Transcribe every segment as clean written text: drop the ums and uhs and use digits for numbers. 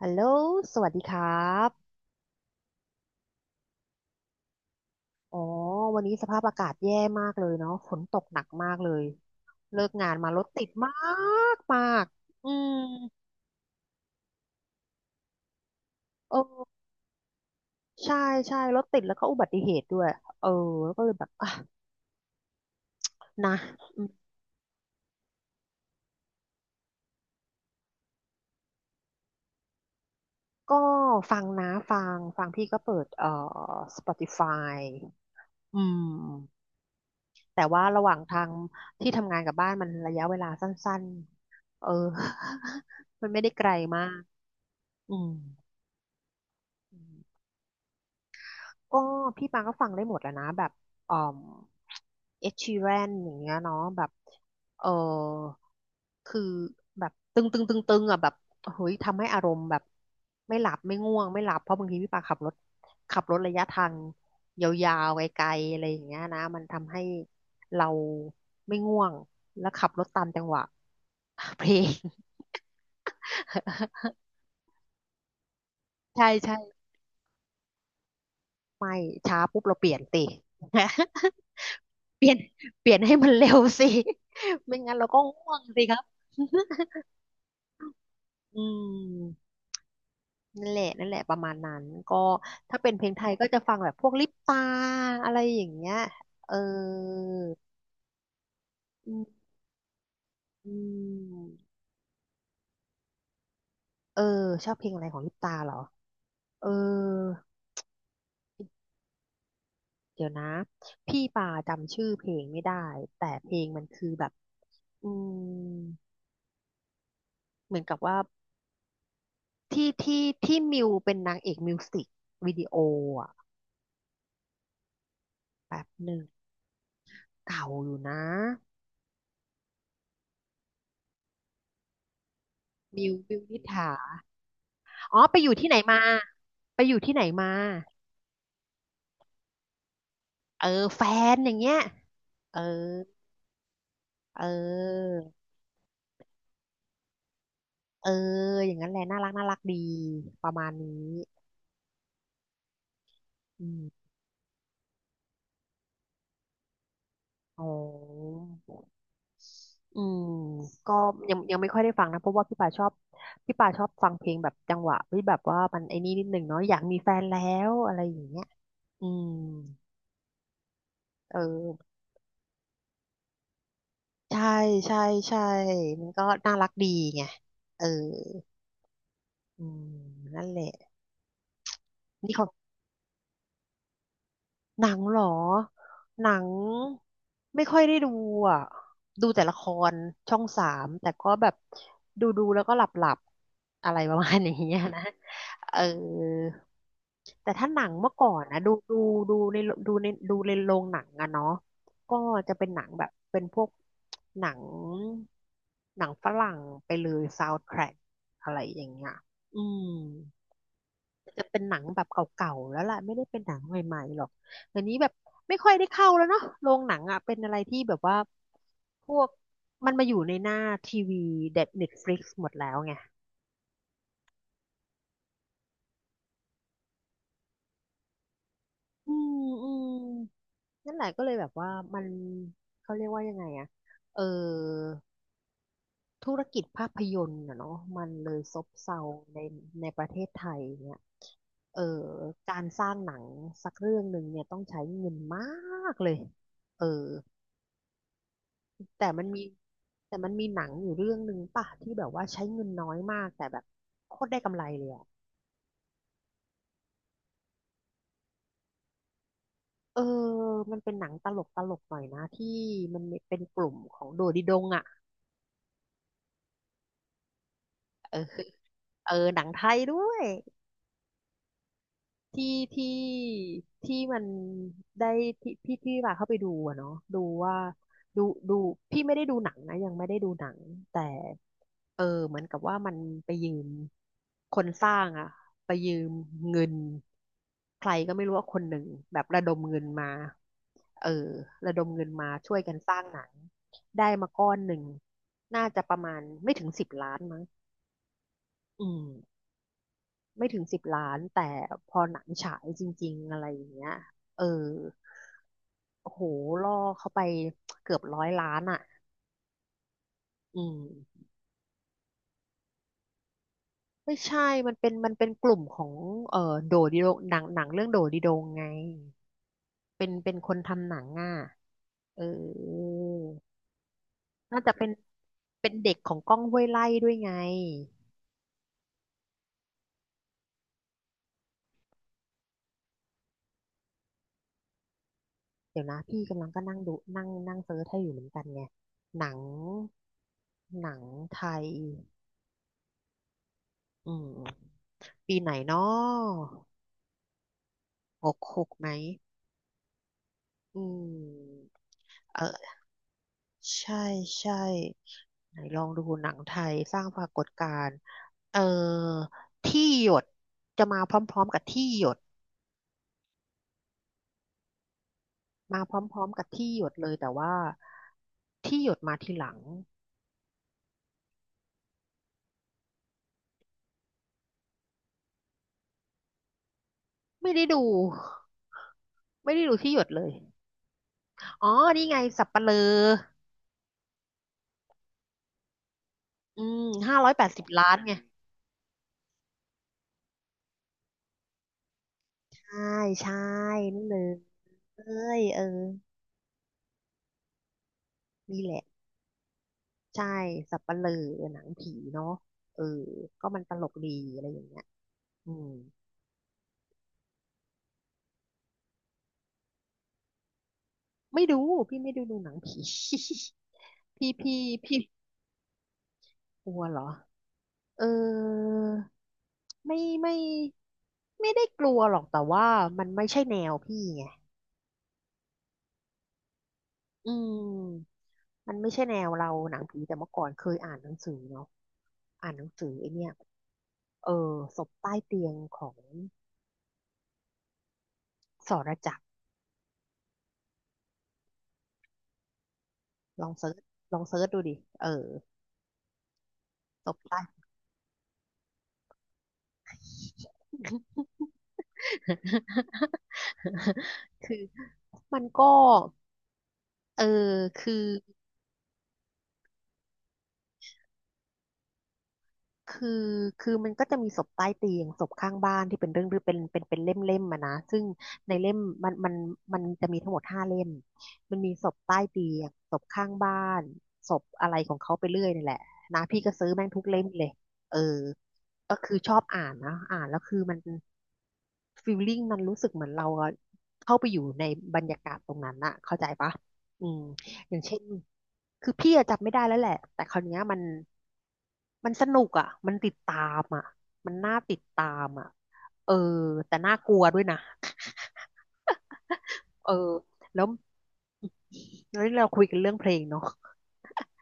ฮัลโหลสวัสดีครับ อ๋อ วันนี้สภาพอากาศแย่มากเลยเนาะฝนตกหนักมากเลย เลิกงานมารถติดมากมากอืมเออใช่ใช่รถติดแล้วก็อุบัติเหตุด้วย เออแล้วก็เลยแบบ อ่ะ นะ ก็ฟังนะ ฟังพี่ก็เปิดSpotify อืมแต่ว่าระหว่างทางที่ทำงานกับบ้านมันระยะเวลาสั้นๆ เออ มันไม่ได้ไกลมากอืม ก็พี่ปางก็ฟังได้หมดแหล้วนะแบบอ่อมเอ็ดชีแรนอย่างเงี้ยเนาะแบบเออคือแบบตึงตึงตึงตึงอ่ะแบบเฮ้ยทำให้อารมณ์แบบไม่หลับไม่ง่วงไม่หลับเพราะบางทีพี่ปางขับรถระยะทางยาวๆไกลๆอะไรอย่างเงี้ยนะมันทำให้เราไม่ง่วงแล้วขับรถตามจังหวะเพลง ใช่ใช่ไม่ช้าปุ๊บเราเปลี่ยนติ เปลี่ยนเปลี่ยนให้มันเร็วสิ ไม่งั้นเราก็ง่วงสิครับ อืมนั่นแหละนั่นแหละประมาณนั้นก็ถ้าเป็นเพลงไทยก็จะฟังแบบพวกลิปตาอะไรอย่างเงี้ยเอออืมอืมเออชอบเพลงอะไรของลิปตาเหรอเออเดี๋ยวนะพี่ป่าจำชื่อเพลงไม่ได้แต่เพลงมันคือแบบอืมเหมือนกับว่าที่มิวเป็นนางเอกมิวสิกวิดีโออ่ะแป๊บหนึ่ง เก่าอยู่นะมิวนิษฐาอ๋อไปอยู่ที่ไหนมาไปอยู่ที่ไหนมาเออแฟนอย่างเงี้ยเออเออเอออย่างนั้นแหละน่ารักน่ารักดีประมาณนี้อืมอ๋ออืมก็ยังยังไม่ค่อยได้ฟังนะเพราะว่าพี่ป่าชอบฟังเพลงแบบจังหวะที่แบบว่ามันไอ้นี่นิดหนึ่งเนาะอยากมีแฟนแล้วอะไรอย่างเงี้ยอืมเออใช่ใช่ใช่มันก็น่ารักดีไงเออ อืมนั่นแหละนี่เขาหนังเหรอหนังไม่ค่อยได้ดูอ่ะดูแต่ละครช่อง 3แต่ก็แบบดูดูแล้วก็หลับหลับอะไรประมาณนี้นะเออแต่ถ้าหนังเมื่อก่อนนะดูดูดูในดูในโรงหนังอะเนาะก็จะเป็นหนังแบบเป็นพวกหนังหนังฝรั่งไปเลยซาวด์แทร็กอะไรอย่างเงี้ยอืม จะเป็นหนังแบบเก่าๆแล้วล่ะไม่ได้เป็นหนังใหม่ๆหรอกเดี๋ยวนี้แบบไม่ค่อยได้เข้าแล้วเนาะโรงหนังอ่ะเป็นอะไรที่แบบว่าพวกมันมาอยู่ในหน้าทีวีเด็ด n น t ตฟลิหมดแล้วไงอืมอืมนั่นแหละก็เลยแบบว่ามันเขาเรียกว่ายังไงอะเออธุรกิจภาพยนตร์อะเนาะมันเลยซบเซาในในประเทศไทยเนี่ยเออการสร้างหนังสักเรื่องหนึ่งเนี่ยต้องใช้เงินมากเลยเออ แต่มันมีแต่มันมีหนังอยู่เรื่องหนึ่งป่ะที่แบบว่าใช้เงินน้อยมากแต่แบบโคตรได้กำไรเลยอะเออมันเป็นหนังตลกตลกหน่อยนะที่มันเป็นกลุ่มของโดดิดงอะเออเออหนังไทยด้วย ที่ที่ที่มันได้ที่พี่ที่ว่าเข้าไปดูอะเนาะดูว่าดูดูพี่ไม่ได้ดูหนังนะยังไม่ได้ดูหนังแต่เออเหมือนกับว่ามันไปยืมคนสร้างอะไปยืมเงินใครก็ไม่รู้ว่าคนหนึ่งแบบระดมเงินมาเออระดมเงินมาช่วยกันสร้างหนังได้มาก้อนหนึ่งน่าจะประมาณไม่ถึงสิบล้านมั้งอืม ไม่ถึง10 ล้านแต่พอหนังฉายจริงๆอะไรอย่างเงี้ยเออโอ้โหล่อเข้าไปเกือบ100 ล้านอ่ะอืมไม่ใช่มันเป็นกลุ่มของเออโดดิโดงหนังเรื่องโดดิโดงไงเป็นคนทำหนังอ่ะเออน่าจะเป็นเป็นเด็กของก้องห้วยไร่ด้วยไงเดี๋ยวนะพี่กำลังก็นั่งดูนั่งนั่งเซิร์ชให้อยู่เหมือนกันไงหนังหนังไทยอืมปีไหนเนาะ หกหกไหมอืมเออใช่ใช่ไหนลองดูหนังไทยสร้างปรากฏการณ์เออที่หยดจะมาพร้อมๆกับที่หยดมาพร้อมๆกับที่หยดเลยแต่ว่าที่หยดมาทีหลังไม่ได้ดูไม่ได้ดูที่หยดเลยอ๋อนี่ไงสัปเหร่ออืม580 ล้านไงใช่ใช่นั่นเลยเอ้ยเออนี่แหละ ใช่สัปเหร่อหนังผีเนาะเออก็มันตลกดีอะไรอย่างเงี้ยอืมไม่ดูพี่ไม่ได้ดูหนังผี พี่พี่พี่กลัวเหรอเออไม่ไม่ไม่ได้กลัวหรอกแต่ว่ามันไม่ใช่แนวพี่ไงอืมมันไม่ใช่แนวเราหนังผีแต่เมื่อก่อนเคยอ่านหนังสือเนาะอ่านหนังสือไอเนี่ยเออศพใต้เตียงของสรจักรลองเซิร์ชลองเซิร์ชดูดิเออศพใต้ คือมันก็เออคือ คือคือมันก็จะมีศพใต้เตียงศพข้างบ้านที่เป็นเรื่องเป็นเล่มอะนะซึ่งในเล่มมันมันมันจะมีทั้งหมดห้าเล่มมันมีศพใต้เตียงศพข้างบ้านศพอะไรของเขาไปเรื่อยนี่แหละนะพี่ก็ซื้อแม่งทุกเล่มเลยเออก็คือชอบอ่านนะอ่านแล้วคือมันฟีลลิ่งมันรู้สึกเหมือนเราเข้าไปอยู่ในบรรยากาศตรงนั้นอะเข้าใจปะอืมอย่างเช่น คือพี่อะจำไม่ได้แล้วแหละแต่คราวเนี้ยมันมันสนุกอ่ะมันติดตามอ่ะมันน่าติดตามอ่ะเออแต่น่ากลัวด้วยนะเออแล้วแล้วเราคุยกันเรื่องเพลงเนาะ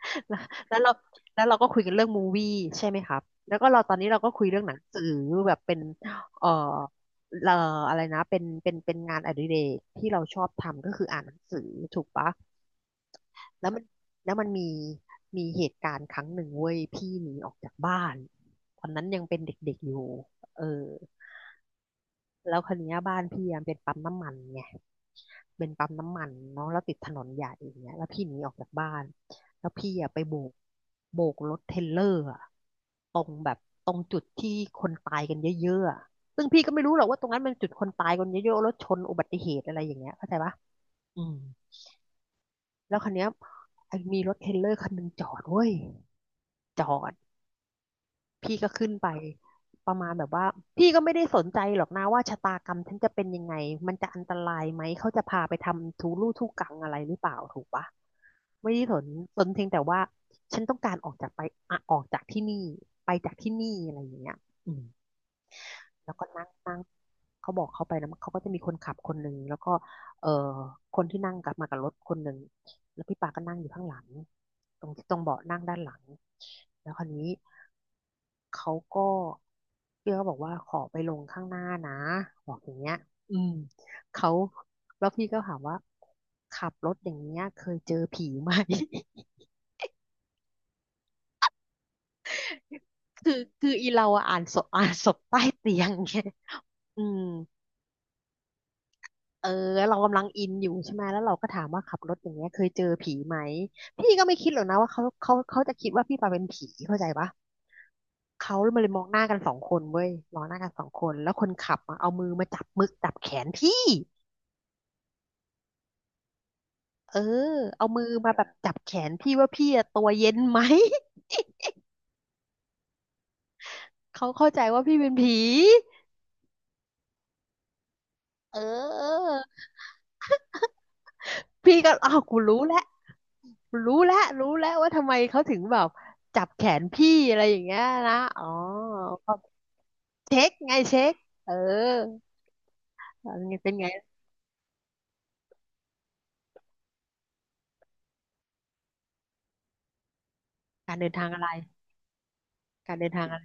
แล้วแล้วเราแล้วเราก็คุยกันเรื่องมูวี่ใช่ไหมครับแล้วก็เราตอนนี้เราก็คุยเรื่องหนังสือแบบเป็นเอ่อเอ่ออะไรนะเป็นงานอดิเรกที่เราชอบทำก็คืออ่านหนังสือถูกปะ แล้วมันแล้วมันมีมีเหตุการณ์ครั้งหนึ่งเว้ยพี่หนีออกจากบ้านตอนนั้นยังเป็นเด็กๆอยู่เออแล้วคันนี้ยบ้านพี่อะเป็นปั๊มน้ำมันไงเป็นปั๊มน้ำมันเนาะแล้วติดถนนใหญ่อย่างเงี้ยแล้วพี่หนีออกจากบ้านแล้วพี่อะไปโบกโบกรถเทรลเลอร์อะตรงแบบตรงจุดที่คนตายกันเยอะๆอะซึ่งพี่ก็ไม่รู้หรอกว่าตรงนั้นมันจุดคนตายกันเยอะๆรถชนอุบัติเหตุอะไรอย่างเงี้ยเข้าใจปะอืมแล้วคันนี้ยไอ้มีรถเทรลเลอร์คันหนึ่งจอดเว้ย จอดพี่ก็ขึ้นไปประมาณแบบว่าพี่ก็ไม่ได้สนใจหรอกนะว่าชะตากรรมฉันจะเป็นยังไงมันจะอันตรายไหมเขาจะพาไปทำทุลู่ทุกังอะไรหรือเปล่าถูกปะไม่ได้สนสนเพียงแต่ว่าฉันต้องการออกจากไปอะออกจากที่นี่ไปจากที่นี่อะไรอย่างเงี้ยอืมแล้วก็นั่งนั่งเขาบอกเขาไปแล้วเขาก็จะมีคนขับคนหนึ่งแล้วก็เอ่อคนที่นั่งกลับมากับรถคนหนึ่งแล้วพี่ปาก็นั่งอยู่ข้างหลังตรงตรงเบาะนั่งด้านหลังแล้วคราวนี้ เขาก็พี่ก็บอกว่าขอไปลงข้างหน้านะบอกอย่างเงี้ยอืมเขาแล้วพี่ก็ถามว่าขับรถอย่างเงี้ยเคยเจอผีไหม คือคืออีเราอะอ่านศพอ่านศพใต้เตียงไงอืม เออเรากำลังอินอยู่ใช่ไหมแล้วเราก็ถามว่าขับรถอย่างเงี้ยเคยเจอผีไหมพี่ก็ไม่คิดหรอกนะว่าเขาจะคิดว่าพี่ปาเป็นผีเข้าใจปะเขามาเลยมองหน้ากันสองคนเว้ยมองหน้ากันสองคนแล้วคนขับอะเอามือมาจับมึกจับแขนพี่เออเอามือมาแบบจับแขนพี่ว่าพี่อะตัวเย็นไหม เขาเข้าใจว่าพี่เป็นผีเออ พี่ก็อ้าวกูรู้แล้วรู้แล้วว่าทำไมเขาถึงแบบจับแขนพี่อะไรอย่างเงี้ยนะอ๋อเช็คไงเช็คเออเป็นไงการเดินทางอะไรการเดินทางอะไร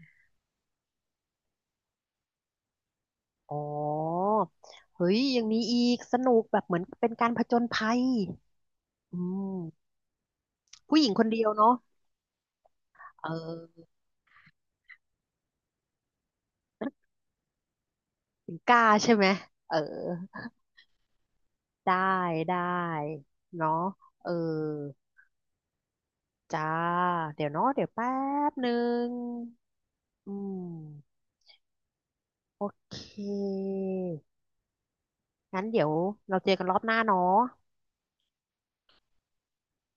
อ๋อเฮ้ยยังมีอีกสนุกแบบเหมือนเป็นการผจญภัยอืมผู้หญิงคนเดียวเนาะเออถึงกล้าใช่ไหมเออได้ได้เนาะเออ จ้าเดี๋ยวเนาะเดี๋ยวแป๊บหนึ่งอืมโอเคงั้นเดี๋ยวเราเจอกันรอบหน้าเนาะ